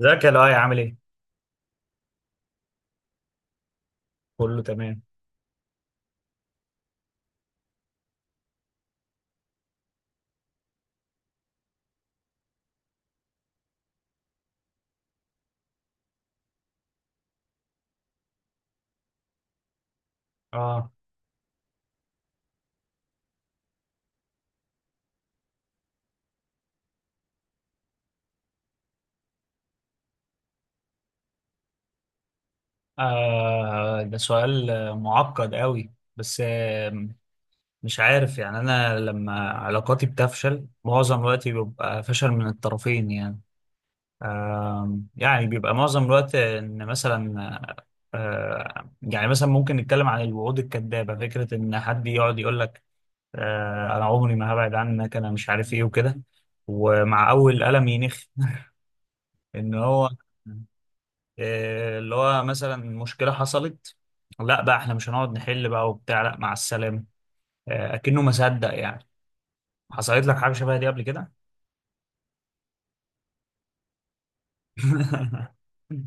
ازيك يا لؤي؟ عامل ايه؟ كله تمام. اه. ده سؤال معقد قوي، بس مش عارف يعني. انا لما علاقاتي بتفشل معظم الوقت بيبقى فشل من الطرفين يعني. يعني بيبقى معظم الوقت ان مثلا، يعني مثلا ممكن نتكلم عن الوعود الكذابة. فكرة ان حد يقعد يقول لك انا عمري ما هبعد عنك، انا مش عارف ايه وكده، ومع اول قلم ينخ. ان هو إيه اللي هو مثلا مشكلة حصلت، لا بقى احنا مش هنقعد نحل بقى وبتاع، لا مع السلامة. إيه أكنه ما صدق يعني. حصلت لك حاجة شبه دي قبل كده؟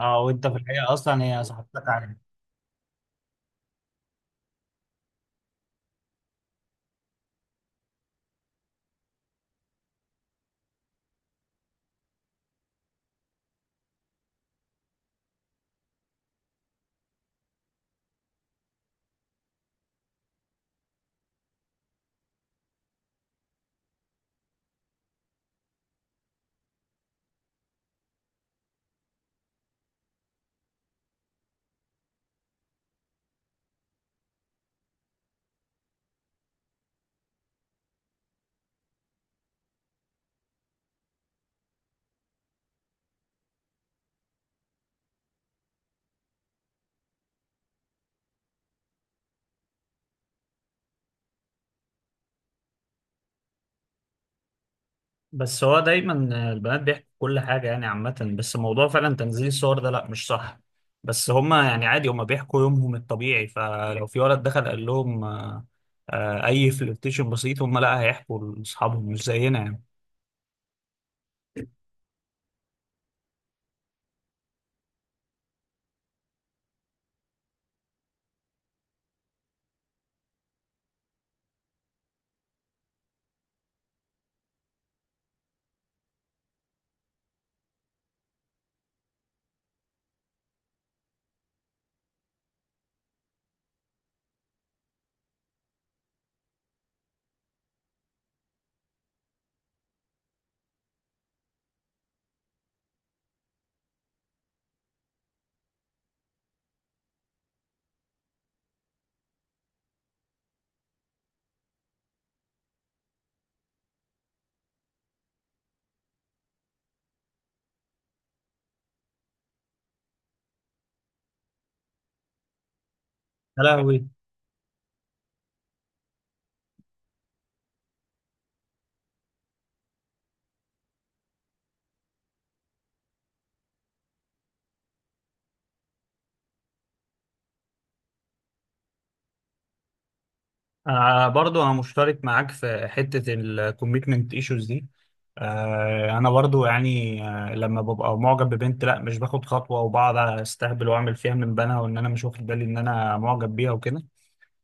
اه. وانت في الحقيقه اصلا هي صاحبتك عليك. بس هو دايما البنات بيحكوا كل حاجة يعني عامة، بس موضوع فعلا تنزيل الصور ده لا مش صح. بس هما يعني عادي، هما بيحكوا يومهم الطبيعي، فلو في ولد دخل قال لهم أي فلirtation بسيط، هما لا هيحكوا لأصحابهم، مش زينا يعني. يا لهوي. انا برضو مشترك معاك في حته الكوميتمنت ايشوز دي. انا برضو يعني لما ببقى معجب ببنت لا مش باخد خطوه، وبقعد استهبل واعمل فيها من بنها، وان انا مش واخد بالي ان انا معجب بيها وكده.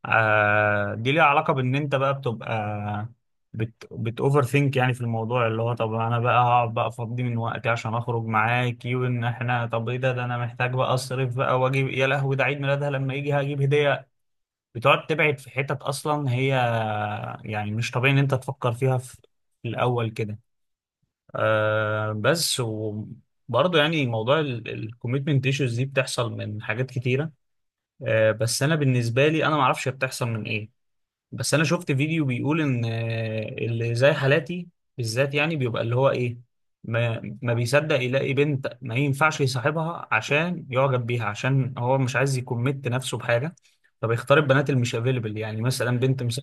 دي ليها علاقه بان انت بقى بتبقى بت اوفر ثينك يعني في الموضوع، اللي هو طب انا بقى هقعد بقى افضي من وقتي عشان اخرج معاكي، وان احنا طب ايه ده انا محتاج بقى اصرف بقى واجيب، يا لهوي ده عيد ميلادها لما يجي هجيب هديه. بتقعد تبعد في حتت، اصلا هي يعني مش طبيعي ان انت تفكر فيها في في الاول كده. آه بس وبرضه يعني موضوع الكوميتمنت ايشوز دي بتحصل من حاجات كتيره. آه بس انا بالنسبه لي انا ما اعرفش هي بتحصل من ايه. بس انا شفت فيديو بيقول ان اللي زي حالاتي بالذات يعني بيبقى اللي هو ايه، ما بيصدق يلاقي بنت ما ينفعش يصاحبها عشان يعجب بيها، عشان هو مش عايز يكمت نفسه بحاجه، فبيختار البنات اللي مش افيلبل، يعني مثلا بنت مش،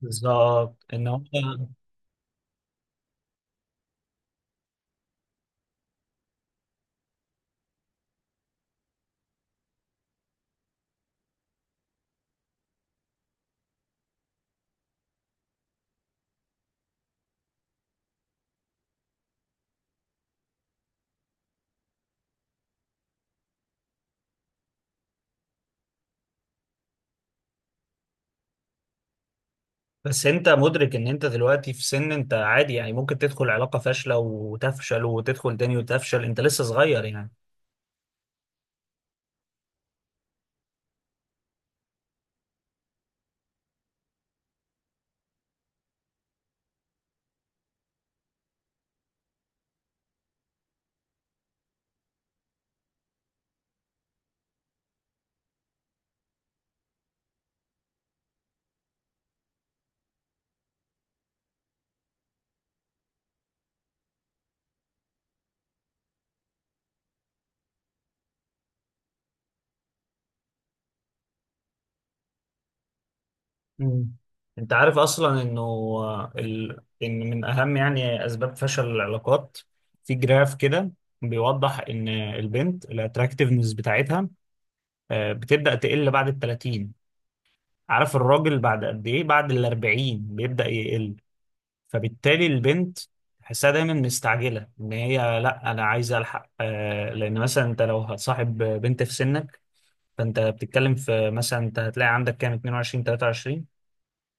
بالظبط ان هو. بس انت مدرك ان انت دلوقتي في سن، انت عادي يعني، ممكن تدخل علاقه فاشله وتفشل، وتدخل تاني وتفشل، انت لسه صغير يعني. مم. انت عارف اصلا انه ان من اهم يعني اسباب فشل العلاقات، في جراف كده بيوضح ان البنت الاتراكتيفنس بتاعتها بتبدا تقل بعد ال 30. عارف الراجل بعد قد ايه؟ بعد ال 40 بيبدا يقل. فبالتالي البنت تحسها دايما مستعجله، ان هي لا انا عايزه الحق، لان مثلا انت لو هتصاحب بنت في سنك، فانت بتتكلم في مثلا انت هتلاقي عندك كام؟ 22، 23.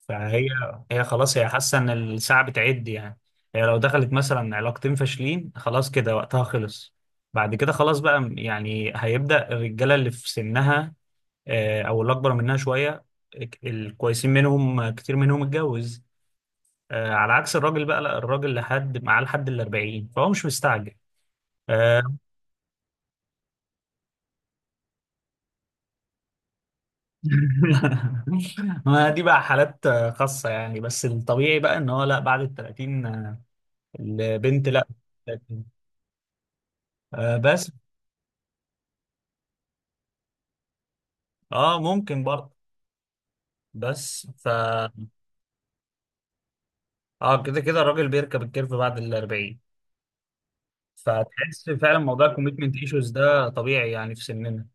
فهي خلاص، هي حاسه ان الساعه بتعد يعني. هي لو دخلت مثلا علاقتين فاشلين خلاص كده وقتها خلص. بعد كده خلاص بقى، يعني هيبدا الرجاله اللي في سنها، او اللي اكبر منها شويه، الكويسين منهم كتير منهم اتجوز. على عكس الراجل بقى، لا الراجل لحد معاه لحد ال 40 فهو مش مستعجل. آه، ما دي بقى حالات خاصة يعني، بس الطبيعي بقى ان هو لا بعد ال 30، البنت لا، بس. اه ممكن برضه، بس ف اه كده كده الراجل بيركب الكيرف بعد ال 40، فتحس فعلا موضوع الكوميتمنت ايشوز ده طبيعي يعني في سننا.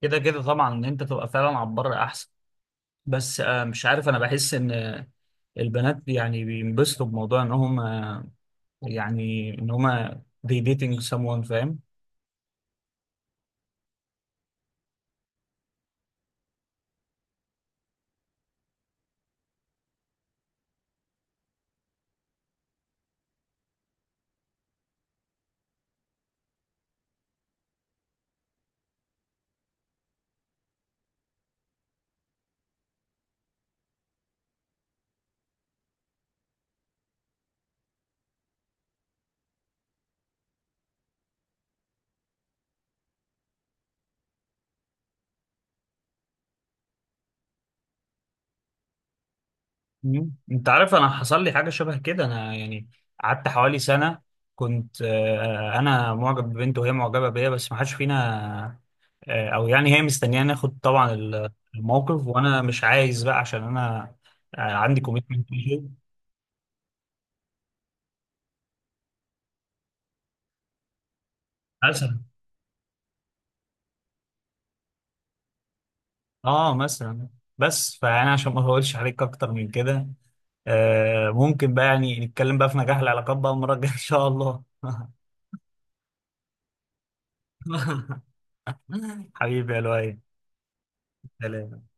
كده كده طبعا ان انت تبقى فعلا على البر احسن، بس مش عارف، انا بحس ان البنات يعني بينبسطوا بموضوع ان هم they dating someone، فاهم؟ مم. انت عارف انا حصل لي حاجه شبه كده، انا يعني قعدت حوالي سنه، كنت انا معجب ببنت وهي معجبه بيا، بس ما حدش فينا او يعني هي مستنياني ناخد طبعا الموقف، وانا مش عايز بقى عشان انا عندي كوميتمنت. مثلا. اه مثلا. بس فانا عشان ما اقولش عليك اكتر من كده، ممكن بقى يعني نتكلم بقى في نجاح العلاقات بقى المره الجايه ان شاء الله. حبيبي يا لؤي. سلام.